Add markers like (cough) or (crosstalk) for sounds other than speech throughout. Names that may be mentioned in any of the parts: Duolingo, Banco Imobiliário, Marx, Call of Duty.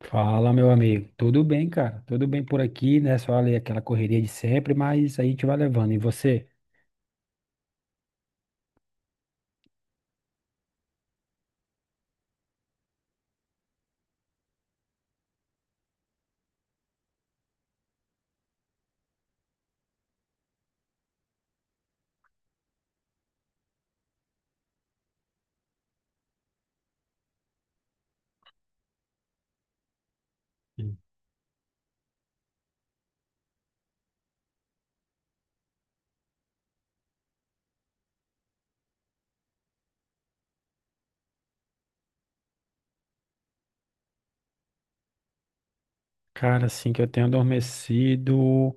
Fala, meu amigo. Tudo bem, cara? Tudo bem por aqui, né? Só ali aquela correria de sempre, mas aí a gente vai levando. E você? Sim. Cara, assim que eu tenho adormecido.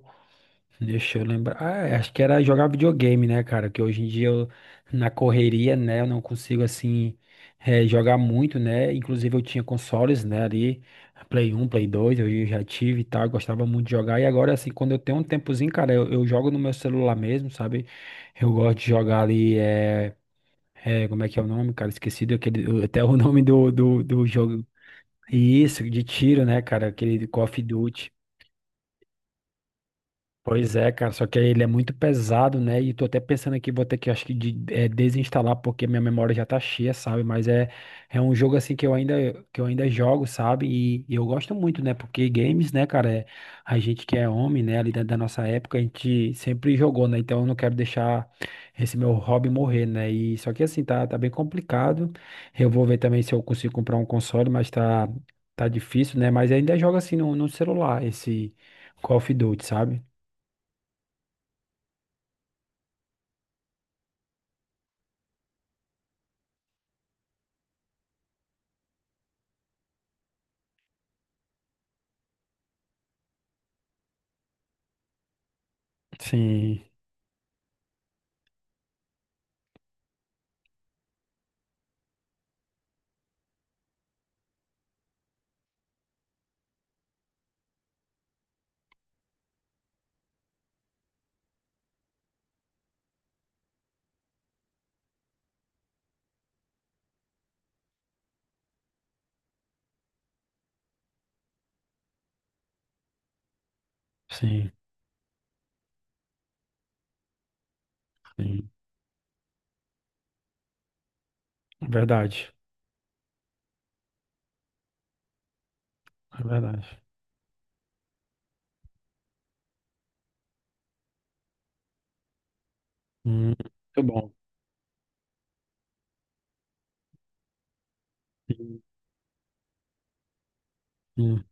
Deixa eu lembrar. Ah, é, acho que era jogar videogame, né, cara? Que hoje em dia na correria, né, eu não consigo, assim, jogar muito, né? Inclusive eu tinha consoles, né, ali, Play um Play 2 eu já tive e tal, eu gostava muito de jogar. E agora, assim, quando eu tenho um tempozinho, cara, eu jogo no meu celular mesmo, sabe? Eu gosto de jogar ali. É, como é que é o nome, cara? Esqueci daquele, até o (laughs) nome do jogo. Isso, de tiro, né, cara? Aquele Call of Duty. Pois é, cara, só que ele é muito pesado, né? E tô até pensando aqui, vou ter que, acho que, desinstalar, porque minha memória já tá cheia, sabe? Mas é, é um jogo, assim, que eu ainda jogo, sabe? E eu gosto muito, né? Porque games, né, cara, é, a gente que é homem, né, ali da nossa época, a gente sempre jogou, né? Então eu não quero deixar esse meu hobby morrer, né? E só que, assim, tá bem complicado. Eu vou ver também se eu consigo comprar um console, mas tá difícil, né? Mas ainda jogo, assim, no celular, esse Call of Duty, sabe? Sim, sim, sim. Verdade. É verdade. Muito bom. Sim, sim.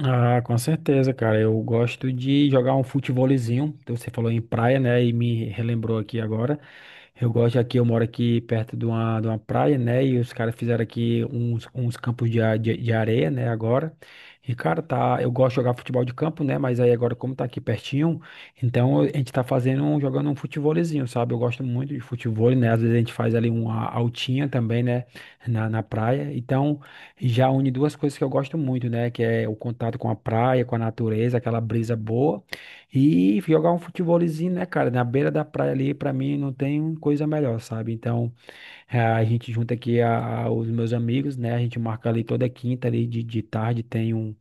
Ah, com certeza, cara. Eu gosto de jogar um futevôlezinho. Então, você falou em praia, né? E me relembrou aqui agora. Eu gosto aqui, eu moro aqui perto de uma praia, né? E os caras fizeram aqui uns campos de, de areia, né? Agora. E, cara, tá. Eu gosto de jogar futebol de campo, né? Mas aí agora, como tá aqui pertinho, então a gente tá fazendo, jogando um futevôlezinho, sabe? Eu gosto muito de futevôlei, né? Às vezes a gente faz ali uma altinha também, né? Na praia. Então. Já une duas coisas que eu gosto muito, né? Que é o contato com a praia, com a natureza, aquela brisa boa. E jogar um futebolzinho, né, cara? Na beira da praia ali, pra mim, não tem coisa melhor, sabe? Então, a gente junta aqui os meus amigos, né? A gente marca ali toda quinta ali de tarde, tem um,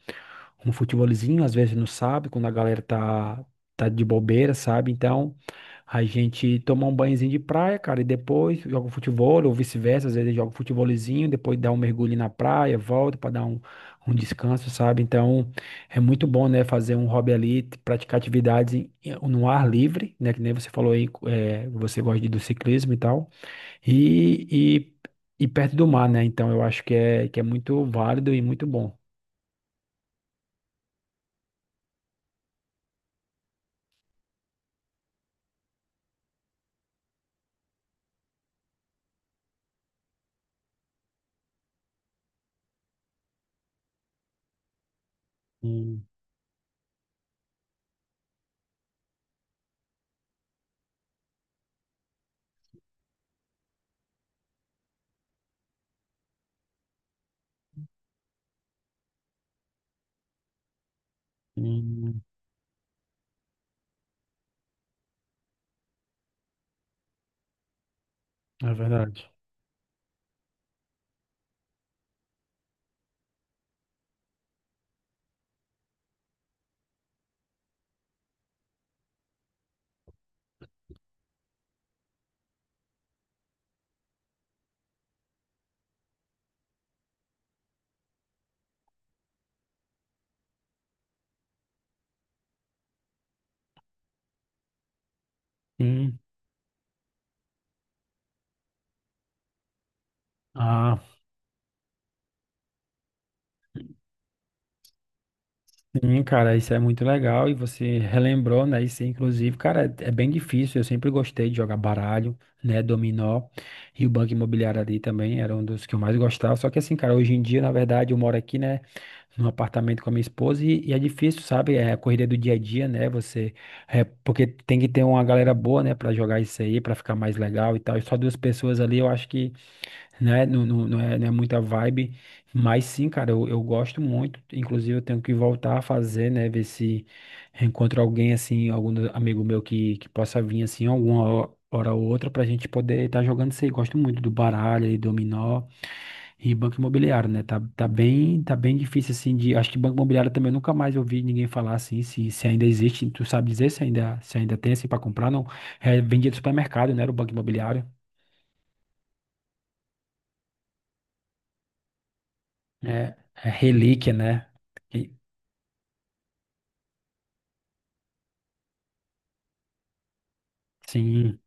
um futebolzinho, às vezes no sábado, quando a galera tá de bobeira, sabe? Então, a gente toma um banhozinho de praia, cara, e depois joga um futebol, ou vice-versa, às vezes joga um futebolzinho, depois dá um mergulho na praia, volta para dar um, um descanso, sabe? Então, é muito bom, né, fazer um hobby ali, praticar atividades no ar livre, né, que nem você falou aí, é, você gosta do ciclismo e tal, e, e, e perto do mar, né? Então, eu acho que é muito válido e muito bom. Hum, hum. É verdade. Sim. Ah, sim, cara, isso é muito legal e você relembrou, né? Isso, inclusive, cara, é bem difícil. Eu sempre gostei de jogar baralho, né? Dominó e o Banco Imobiliário ali também era um dos que eu mais gostava. Só que assim, cara, hoje em dia, na verdade, eu moro aqui, né? Num apartamento com a minha esposa e é difícil, sabe? É a correria do dia a dia, né? Você, é, porque tem que ter uma galera boa, né? Pra jogar isso aí, pra ficar mais legal e tal. E só duas pessoas ali, eu acho né? Não, não, não é, não é muita vibe, mas sim, cara, eu gosto muito. Inclusive, eu tenho que voltar a fazer, né? Ver se encontro alguém assim, algum amigo meu que possa vir assim, alguma hora ou outra, pra gente poder estar jogando isso aí. Gosto muito do baralho e dominó e banco imobiliário, né? Tá bem difícil assim de. Acho que banco imobiliário também eu nunca mais ouvi ninguém falar assim, se ainda existe. Tu sabe dizer se ainda, se ainda tem assim pra comprar? Não. É, vendia do supermercado, né? Era o banco imobiliário. É, é relíquia, né? Sim,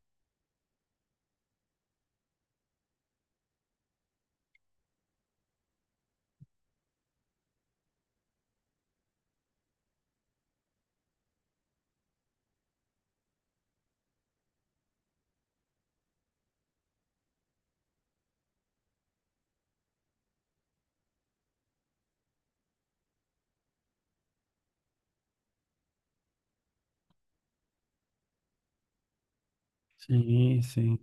sim, sim.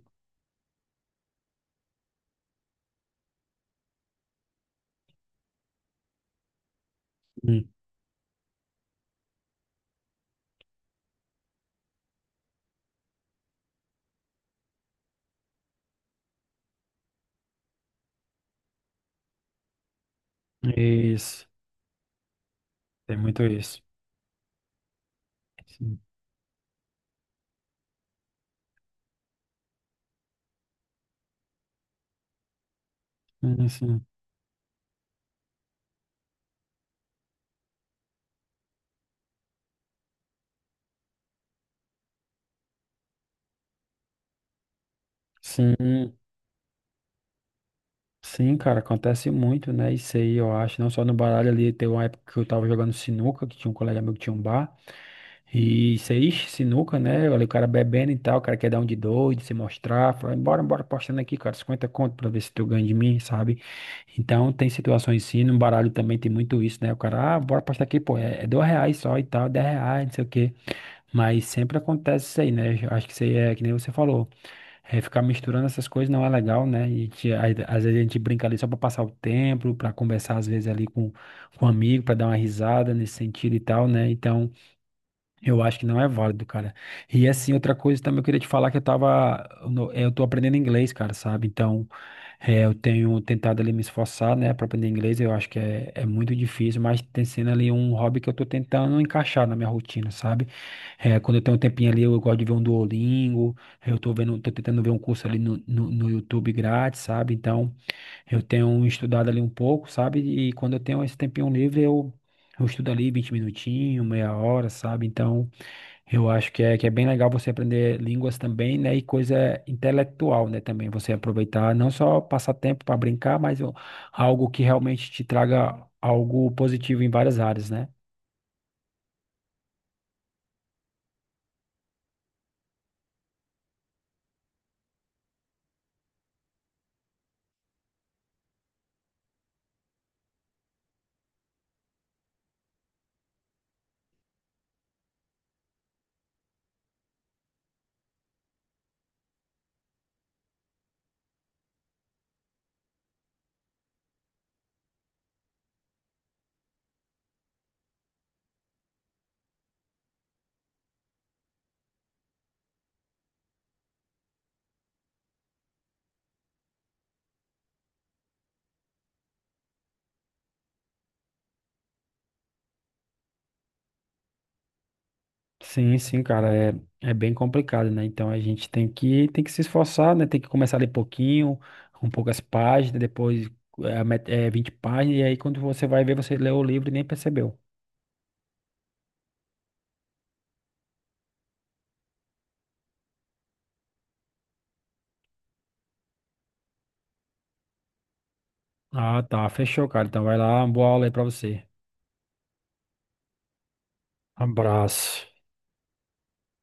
Hum, isso, tem muito isso. Sim, sim, sim, sim, sim, cara, acontece muito, né? Isso aí, eu acho, não só no baralho ali, teve uma época que eu tava jogando sinuca, que tinha um colega meu que tinha um bar, e isso aí, ixi, sinuca, né? Olha, o cara bebendo e tal, o cara quer dar um de doido, se mostrar, fala, bora, bora, postando aqui, cara, 50 conto pra ver se tu ganha de mim, sabe? Então, tem situações sim, no baralho também tem muito isso, né? O cara, ah, bora postar aqui, pô, é, é R$ 2 só e tal, R$ 10, não sei o quê. Mas sempre acontece isso aí, né? Eu acho que isso aí é que nem você falou. É, ficar misturando essas coisas não é legal, né? Aí, às vezes a gente brinca ali só para passar o tempo, para conversar às vezes ali com um amigo, para dar uma risada nesse sentido e tal, né? Então, eu acho que não é válido, cara. E assim, outra coisa também eu queria te falar que eu tava, eu tô aprendendo inglês, cara, sabe? Então, eu tenho tentado ali me esforçar, né, pra aprender inglês. Eu acho que é muito difícil, mas tem sendo ali um hobby que eu tô tentando encaixar na minha rotina, sabe? Quando eu tenho um tempinho ali, eu gosto de ver um Duolingo. Eu tô vendo, tô tentando ver um curso ali no YouTube grátis, sabe? Então, eu tenho estudado ali um pouco, sabe? E quando eu tenho esse tempinho livre, eu estudo ali 20 minutinhos, meia hora, sabe? Então, eu acho que é bem legal você aprender línguas também, né? E coisa intelectual, né? Também você aproveitar, não só passar tempo para brincar, mas algo que realmente te traga algo positivo em várias áreas, né? Sim, sim, cara, é, é bem complicado, né? Então a gente tem que se esforçar, né? Tem que começar a ler pouquinho, com poucas páginas, depois 20 páginas, e aí quando você vai ver, você leu o livro e nem percebeu. Ah, tá, fechou, cara. Então vai lá, uma boa aula aí pra você. Abraço.